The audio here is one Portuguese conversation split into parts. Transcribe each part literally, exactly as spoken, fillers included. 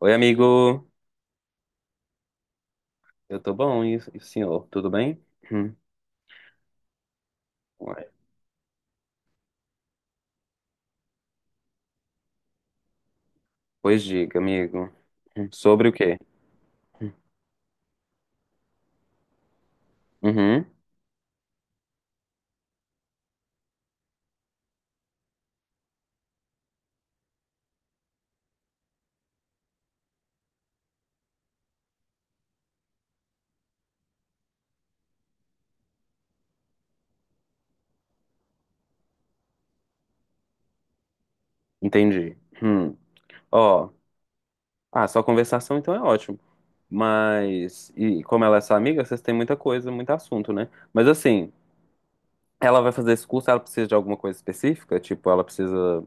Oi, amigo. Eu tô bom, e e o senhor? Tudo bem? Hum. Ué. Pois diga, amigo. Hum. Sobre o quê? Hum. Uhum, entendi. Hum. Ó, ah, só conversação então é ótimo. Mas, e como ela é sua amiga, vocês têm muita coisa, muito assunto, né? Mas assim, ela vai fazer esse curso, ela precisa de alguma coisa específica? Tipo, ela precisa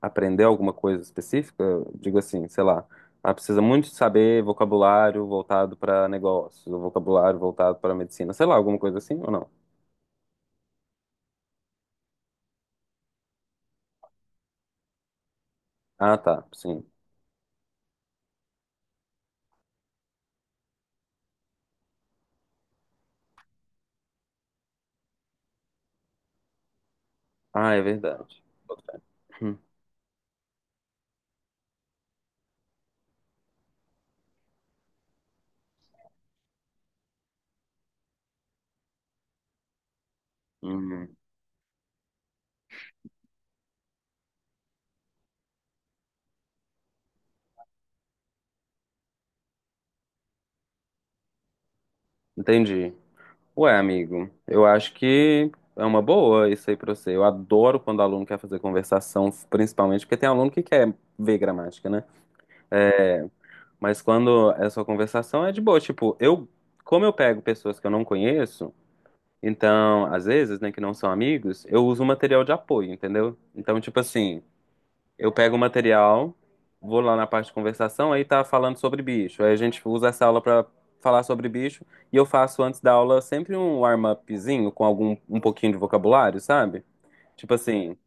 aprender alguma coisa específica? Digo assim, sei lá, ela precisa muito saber vocabulário voltado para negócios, ou vocabulário voltado para medicina, sei lá, alguma coisa assim ou não? Ah, tá, sim. Ah, é verdade. Boto fé. Hum, hum, entendi. Ué, amigo, eu acho que é uma boa isso aí pra você. Eu adoro quando o aluno quer fazer conversação, principalmente porque tem aluno que quer ver gramática, né? Mas quando é só conversação, é de boa. Tipo, eu, como eu pego pessoas que eu não conheço, então, às vezes, né, que não são amigos, eu uso material de apoio, entendeu? Então, tipo assim, eu pego o material, vou lá na parte de conversação, aí tá falando sobre bicho. Aí a gente usa essa aula pra falar sobre bicho, e eu faço antes da aula sempre um warm-upzinho com algum um pouquinho de vocabulário, sabe? Tipo assim,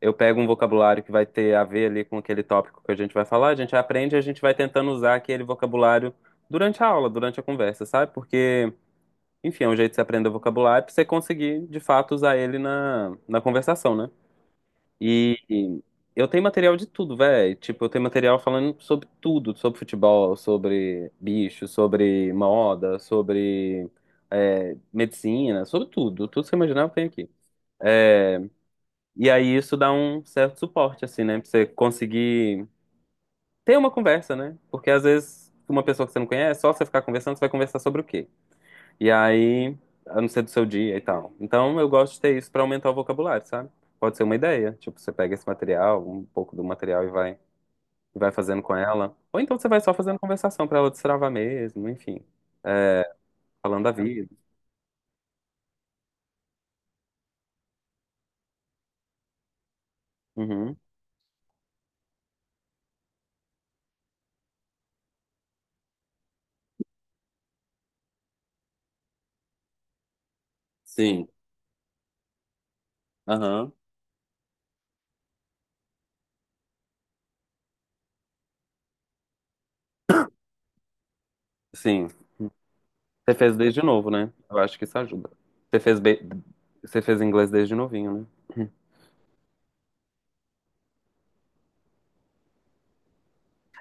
eu pego um vocabulário que vai ter a ver ali com aquele tópico que a gente vai falar, a gente aprende e a gente vai tentando usar aquele vocabulário durante a aula, durante a conversa, sabe? Porque, enfim, é um jeito de você aprender o vocabulário pra você conseguir, de fato, usar ele na, na conversação, né? E e eu tenho material de tudo, velho. Tipo, eu tenho material falando sobre tudo, sobre futebol, sobre bicho, sobre moda, sobre é, medicina, sobre tudo. Tudo que você imaginar eu tenho aqui. É, e aí isso dá um certo suporte, assim, né? Pra você conseguir ter uma conversa, né? Porque às vezes uma pessoa que você não conhece, só você ficar conversando, você vai conversar sobre o quê? E aí, a não ser do seu dia e tal. Então eu gosto de ter isso pra aumentar o vocabulário, sabe? Pode ser uma ideia. Tipo, você pega esse material, um pouco do material e vai, e vai fazendo com ela. Ou então você vai só fazendo conversação pra ela destravar mesmo, enfim. Falando da vida. Uhum. Sim. Aham. Sim. Você fez desde novo, né? Eu acho que isso ajuda. Você fez, be- você fez inglês desde novinho, né?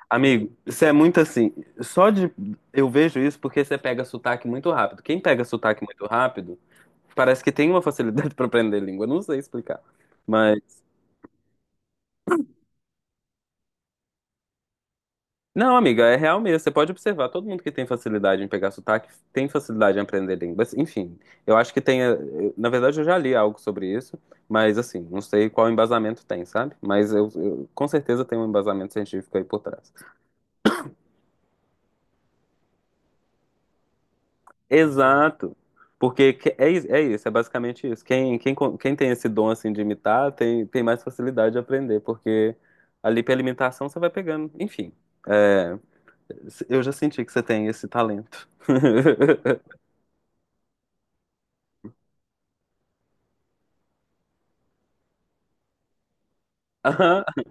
Amigo, você é muito assim. Só de. Eu vejo isso porque você pega sotaque muito rápido. Quem pega sotaque muito rápido, parece que tem uma facilidade para aprender língua. Não sei explicar. Não, amiga, é real mesmo. Você pode observar, todo mundo que tem facilidade em pegar sotaque tem facilidade em aprender línguas. Enfim, eu acho que tem. eh, eu- Na verdade, eu já li algo sobre isso, mas assim, não sei qual embasamento tem, sabe? Mas eu, eu- com certeza tem um embasamento científico aí por trás. Exato. Porque que- é, is- é isso, é basicamente isso. Quem, quem, con- quem tem esse dom assim de imitar tem, tem mais facilidade de aprender, porque ali pela imitação você vai pegando. Enfim, é, eu já senti que você tem esse talento.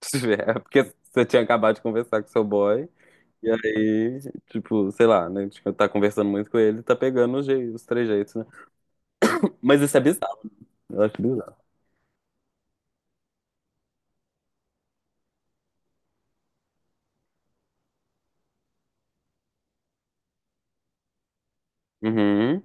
É porque você tinha acabado de conversar com seu boy, e aí, tipo, sei lá, né? Tipo, tá conversando muito com ele, tá pegando os jeitos, os trejeitos, né? Mas isso é bizarro, eu acho bizarro. Uhum.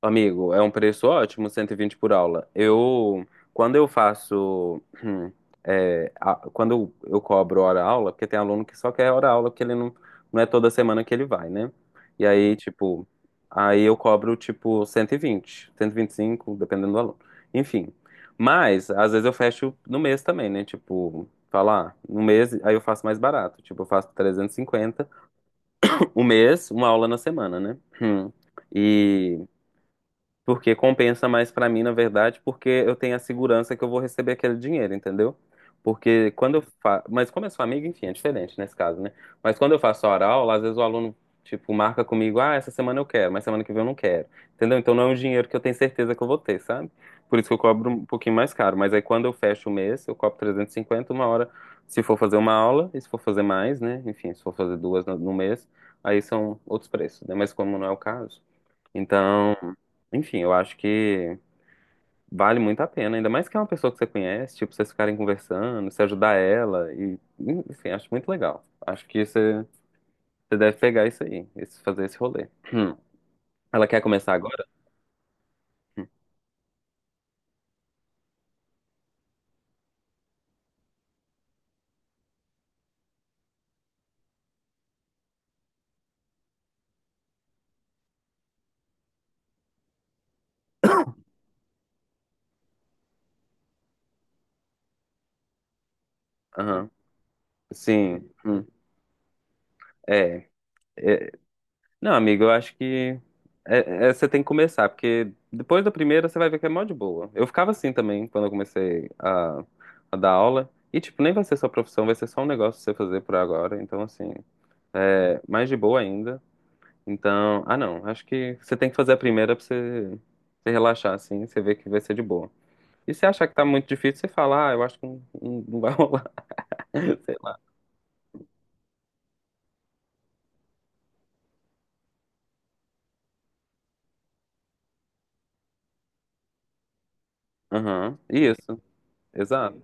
Amigo, é um preço ótimo, cento e vinte por aula. Eu, quando eu faço, hum, é, a- quando eu, eu cobro hora-aula, porque tem aluno que só quer hora-aula, porque ele não, não é toda semana que ele vai, né? E aí, tipo, aí eu cobro, tipo, cento cento e e vinte cento e vinte e cinco dependendo do aluno. Enfim, mas, às vezes eu fecho no mês também, né? Tipo, falar, no mês, aí eu faço mais barato. Tipo, eu faço trezentos e cinquenta o mês, uma aula na semana, né? Hum. E... Porque compensa mais pra mim, na verdade, porque eu tenho a segurança que eu vou receber aquele dinheiro, entendeu? Porque quando eu faço. Mas como é sou amigo, enfim, é diferente nesse caso, né? Mas quando eu faço a aula, às vezes o aluno, tipo, marca comigo, ah, essa semana eu quero, mas semana que vem eu não quero. Entendeu? Então não é um dinheiro que eu tenho certeza que eu vou ter, sabe? Por isso que eu cobro um pouquinho mais caro. Mas aí quando eu fecho o mês, eu cobro trezentos e cinquenta uma hora, se for fazer uma aula, e se for fazer mais, né? Enfim, se for fazer duas no no mês, aí são outros preços, né? Mas como não é o caso. Então, enfim, eu acho que vale muito a pena, ainda mais que é uma pessoa que você conhece, tipo, vocês ficarem conversando, você ajudar ela, e, enfim, acho muito legal. Acho que você, você deve pegar isso aí, esse, fazer esse rolê. Hum. Ela quer começar agora? Aham. Sim. Hum. É, é. Não, amigo, eu acho que é, é, você tem que começar, porque depois da primeira você vai ver que é mó de boa. Eu ficava assim também quando eu comecei a, a dar aula. E, tipo, nem vai ser sua profissão, vai ser só um negócio pra você fazer por agora. Então, assim, mais de boa ainda. Então, ah não, acho que você tem que fazer a primeira pra você, você relaxar, assim, você ver que vai ser de boa. E se achar que tá muito difícil, você fala, ah, eu acho que não, não- não vai rolar, sei lá. Aham, isso, exato,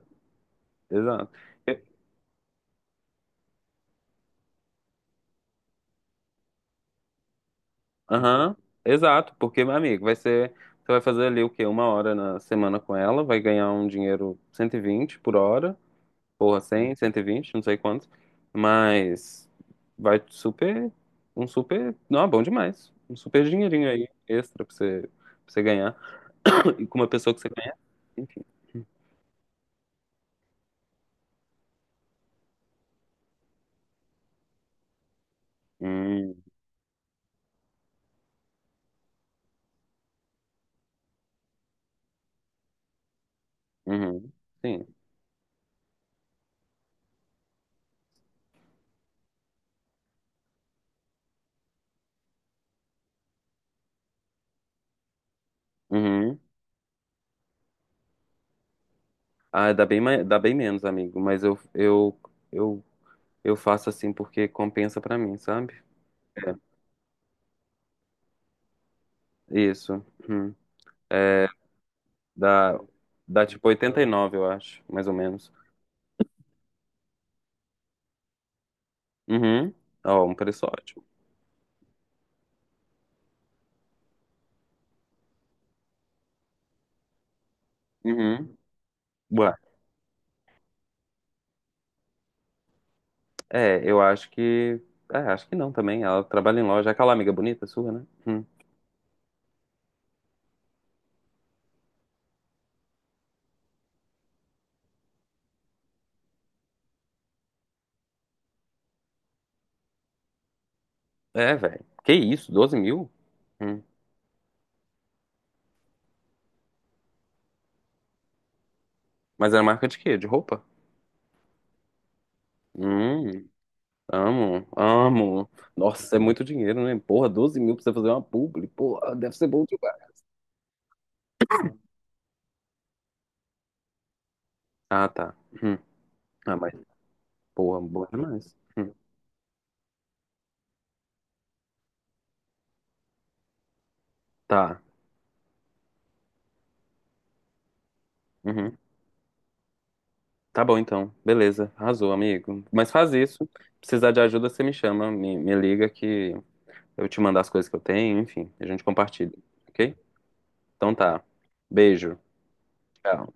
exato. Eu- Aham, exato, porque, meu amigo, vai ser, você vai fazer ali o quê? Uma hora na semana com ela, vai ganhar um dinheiro cento e vinte por hora. Porra, cem, cento e vinte não sei quanto. Mas vai super. Um super. Não, é bom demais. Um super dinheirinho aí extra pra você, pra você ganhar. E com uma pessoa que você conhece, enfim. Hum, uhum, sim. Uhum. Ah, dá bem, mai- dá bem menos, amigo. Mas eu, eu, eu, eu faço assim porque compensa pra mim, sabe? É, isso. Uhum. É, dá, dá tipo oitenta e nove eu acho, mais ou menos. Uhum. Ó, um preço ótimo. Uhum. Ué, é, eu acho que. É, acho que não também. Ela trabalha em loja. É aquela amiga bonita sua, né? Hum. É, velho. Que isso? Doze mil? Hum. Mas é marca de quê? De roupa? Hum, amo, amo. Nossa, é muito dinheiro, né? Porra, doze mil pra você fazer uma publi. Porra, deve ser bom demais. Ah, tá. Hum. Ah, mas, porra, bom demais. Hum. Tá. Uhum. Tá bom, então. Beleza. Arrasou, amigo. Mas faz isso. Precisar de ajuda, você me chama, me, me liga que eu te mando as coisas que eu tenho, enfim, a gente compartilha, ok? Então tá. Beijo. Tchau.